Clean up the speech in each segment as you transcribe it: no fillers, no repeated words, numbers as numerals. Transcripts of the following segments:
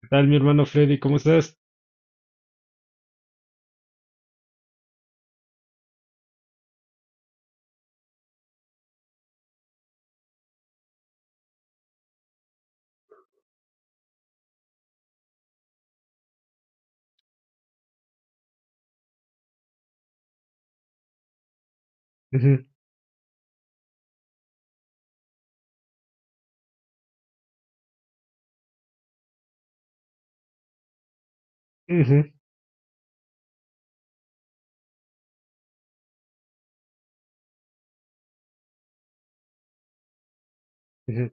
¿Qué tal, mi hermano Freddy? ¿Cómo estás? Ujú, ujú, ujú,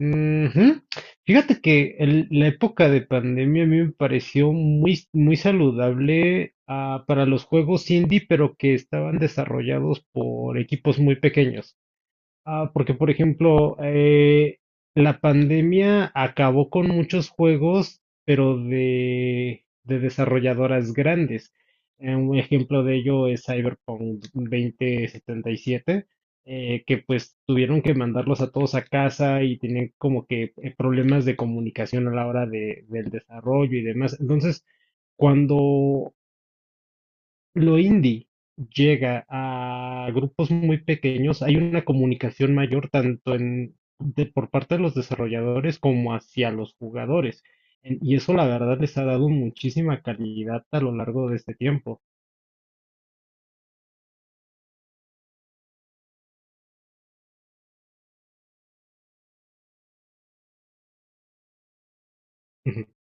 ujú. Fíjate que la época de pandemia a mí me pareció muy, muy saludable para los juegos indie, pero que estaban desarrollados por equipos muy pequeños. Ah, porque por ejemplo, la pandemia acabó con muchos juegos, pero de desarrolladoras grandes. Un ejemplo de ello es Cyberpunk 2077, que pues tuvieron que mandarlos a todos a casa y tenían como que problemas de comunicación a la hora del desarrollo y demás. Entonces, cuando lo indie llega a grupos muy pequeños, hay una comunicación mayor tanto por parte de los desarrolladores como hacia los jugadores. Y eso la verdad les ha dado muchísima calidad a lo largo de este tiempo.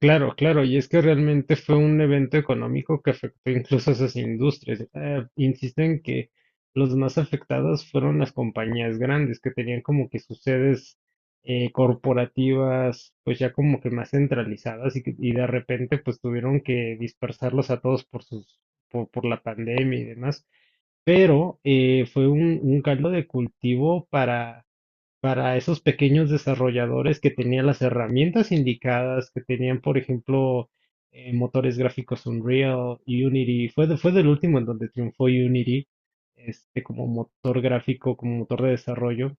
Claro, claro, y es que realmente fue un evento económico que afectó incluso a esas industrias. Insisto en que los más afectados fueron las compañías grandes que tenían como que sus sedes corporativas pues ya como que más centralizadas y de repente pues tuvieron que dispersarlos a todos por la pandemia y demás. Pero fue un caldo de cultivo para esos pequeños desarrolladores que tenían las herramientas indicadas, que tenían, por ejemplo, motores gráficos Unreal, Unity, fue del último en donde triunfó Unity, como motor gráfico, como motor de desarrollo,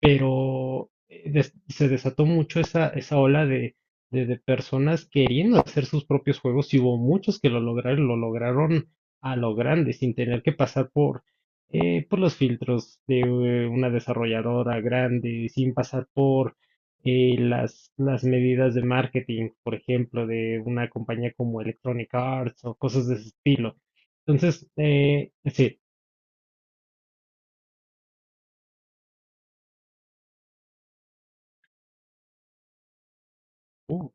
pero se desató mucho esa ola de personas queriendo hacer sus propios juegos, y hubo muchos que lo lograron a lo grande, sin tener que pasar por los filtros de una desarrolladora grande, sin pasar por las medidas de marketing, por ejemplo, de una compañía como Electronic Arts o cosas de ese estilo. Entonces, sí. uh,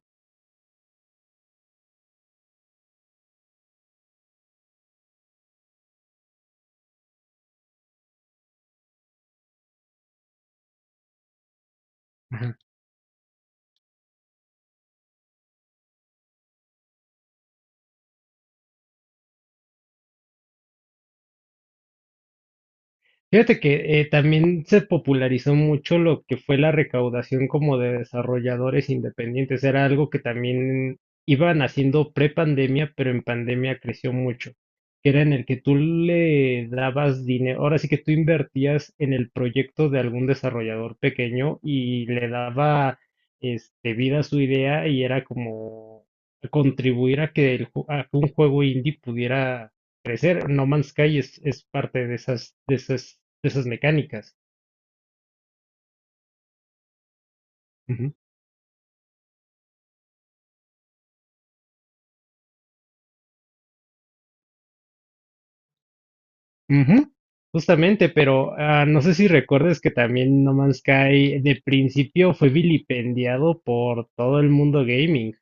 Fíjate que también se popularizó mucho lo que fue la recaudación como de desarrolladores independientes. Era algo que también iban haciendo pre-pandemia, pero en pandemia creció mucho. Que era en el que tú le dabas dinero. Ahora sí que tú invertías en el proyecto de algún desarrollador pequeño y le daba vida a su idea, y era como contribuir a que un juego indie pudiera parecer No Man's Sky, es parte de esas, mecánicas. Ujú. Ujú. Justamente, pero no sé si recuerdes que también No Man's Sky de principio fue vilipendiado por todo el mundo gaming.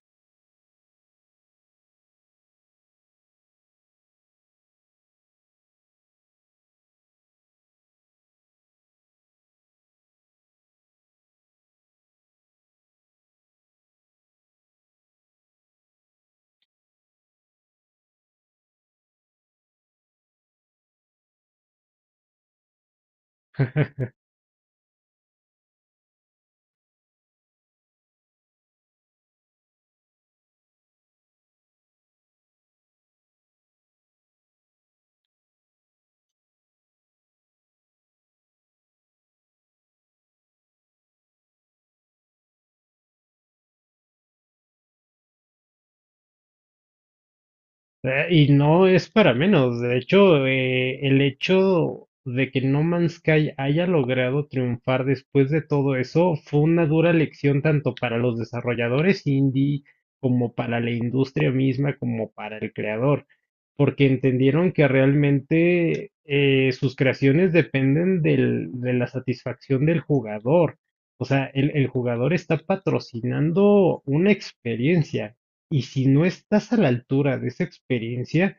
Y no es para menos. De hecho, el hecho de que No Man's Sky haya logrado triunfar después de todo eso fue una dura lección tanto para los desarrolladores indie como para la industria misma, como para el creador, porque entendieron que realmente sus creaciones dependen de la satisfacción del jugador. O sea, el jugador está patrocinando una experiencia. Y si no estás a la altura de esa experiencia,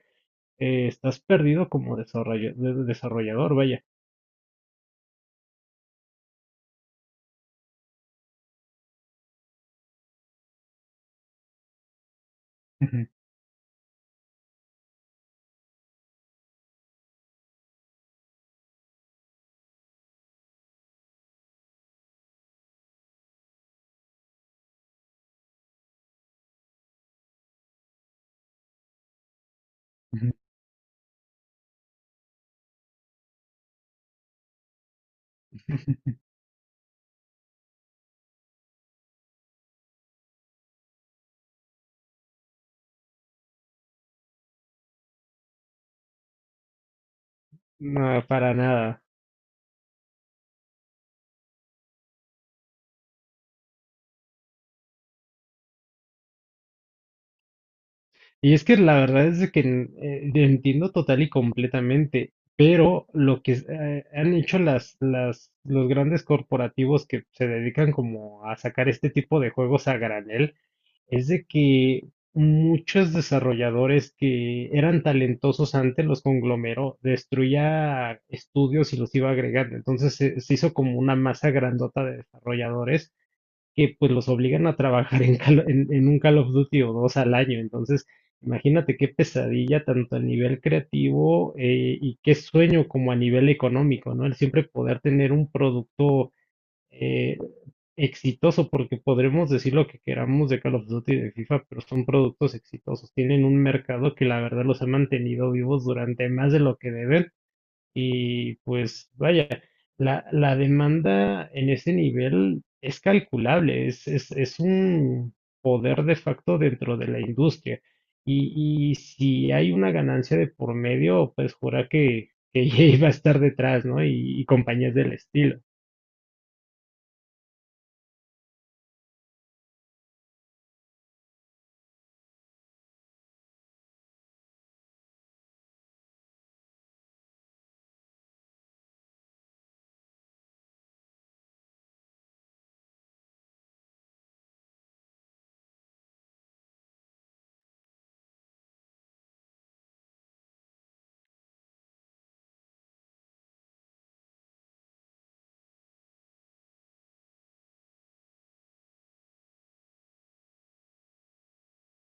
estás perdido como desarrollador, vaya. Ujú, ujú, ujú. No, para nada. Y es que la verdad es de que entiendo total y completamente, pero lo que han hecho los grandes corporativos que se dedican como a sacar este tipo de juegos a granel, es de que muchos desarrolladores que eran talentosos antes los conglomeró, destruía estudios y los iba agregando. Entonces se hizo como una masa grandota de desarrolladores que pues los obligan a trabajar en un Call of Duty o dos al año. Entonces, imagínate qué pesadilla tanto a nivel creativo, y qué sueño como a nivel económico, ¿no? El siempre poder tener un producto eh, exitoso, porque podremos decir lo que queramos de Call of Duty y de FIFA, pero son productos exitosos. Tienen un mercado que la verdad los ha mantenido vivos durante más de lo que deben. Y pues vaya, la demanda en ese nivel es calculable, es un poder de facto dentro de la industria. Y si hay una ganancia de por medio, pues jura que, EA va a estar detrás, ¿no? Y compañías del estilo.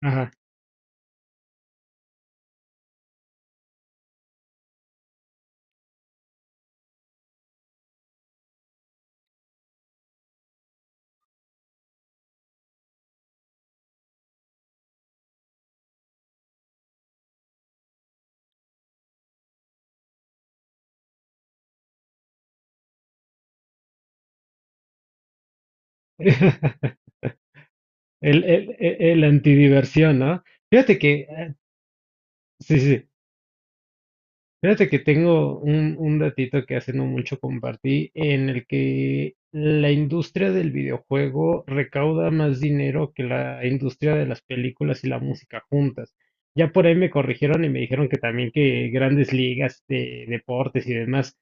Ajá. El antidiversión, ¿no? Fíjate que, sí, sí, sí. Fíjate que tengo un datito que hace no mucho compartí en el que la industria del videojuego recauda más dinero que la industria de las películas y la música juntas. Ya por ahí me corrigieron y me dijeron que también que grandes ligas de deportes y demás.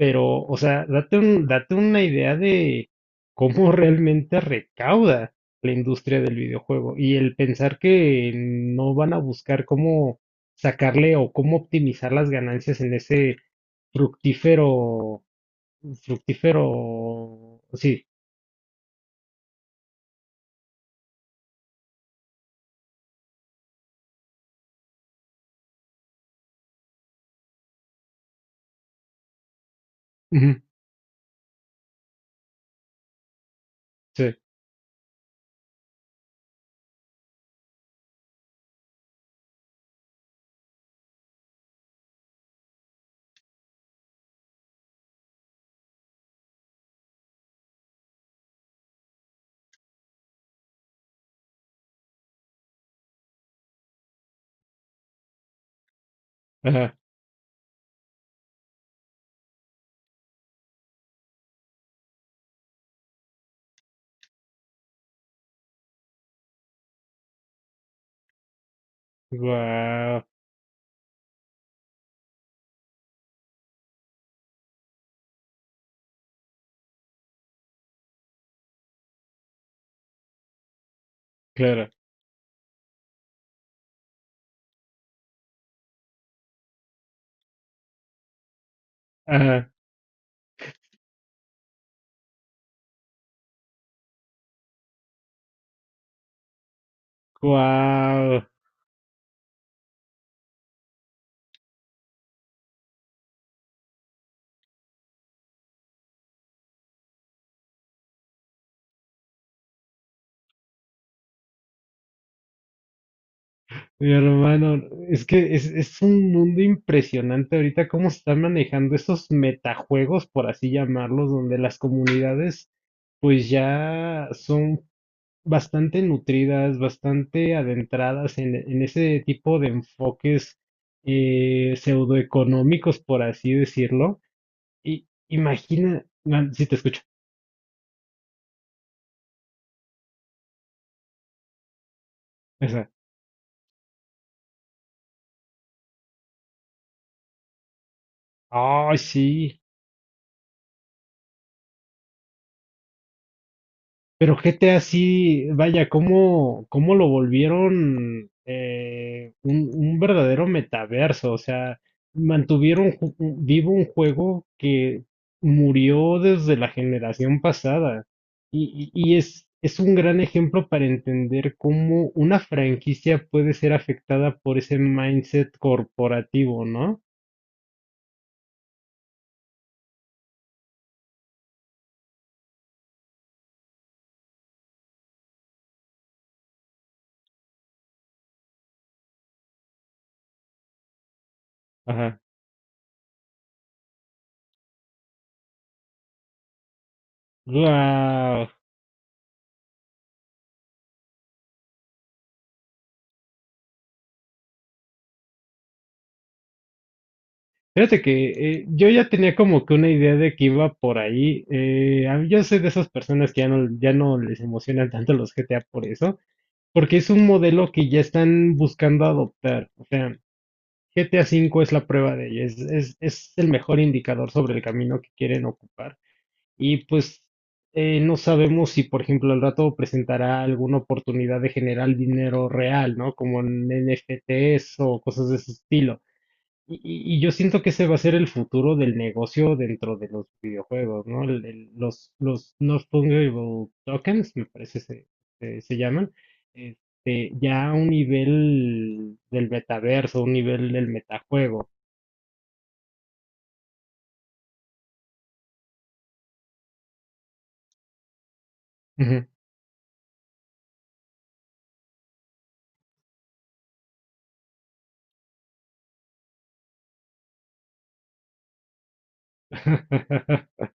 Pero, o sea, date una idea de cómo realmente recauda la industria del videojuego, y el pensar que no van a buscar cómo sacarle o cómo optimizar las ganancias en ese fructífero, fructífero, sí, ujú, sí, ajá, guau, claro, ajá, guau, mi hermano, es que es, un mundo impresionante ahorita cómo se están manejando esos metajuegos, por así llamarlos, donde las comunidades pues ya son bastante nutridas, bastante adentradas en ese tipo de enfoques pseudoeconómicos, por así decirlo. Y imagina, no, si te escucho, o sea, ay, sí. Pero GTA sí, vaya, cómo, cómo lo volvieron un verdadero metaverso. O sea, mantuvieron vivo un juego que murió desde la generación pasada. Y es un gran ejemplo para entender cómo una franquicia puede ser afectada por ese mindset corporativo, ¿no? Ajá. ¡Guau! Fíjate que yo ya tenía como que una idea de que iba por ahí. Yo soy de esas personas que ya no les emocionan tanto los GTA por eso, porque es un modelo que ya están buscando adoptar. O sea, GTA V es la prueba de ello, es el mejor indicador sobre el camino que quieren ocupar. Y pues no sabemos si, por ejemplo, el rato presentará alguna oportunidad de generar dinero real, ¿no? Como en NFTs o cosas de ese estilo. Y yo siento que ese va a ser el futuro del negocio dentro de los videojuegos, ¿no? Los non-fungible tokens, me parece se llaman, ya a un nivel del metaverso, un nivel del metajuego. Ujú.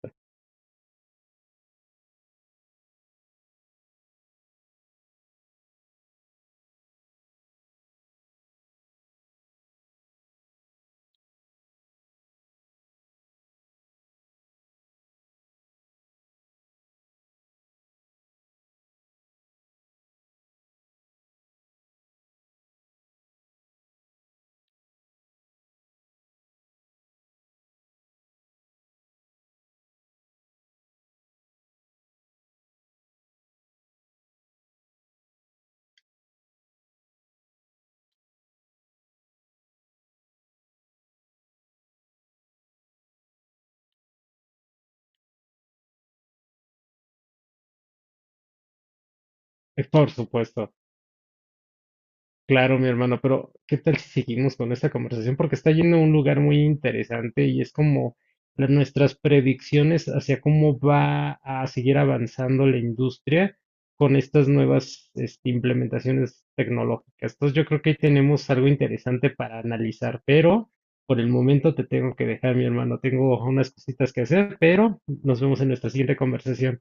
Por supuesto. Claro, mi hermano, pero ¿qué tal si seguimos con esta conversación? Porque está yendo a un lugar muy interesante y es como nuestras predicciones hacia cómo va a seguir avanzando la industria con estas nuevas implementaciones tecnológicas. Entonces yo creo que ahí tenemos algo interesante para analizar, pero por el momento te tengo que dejar, mi hermano. Tengo unas cositas que hacer, pero nos vemos en nuestra siguiente conversación.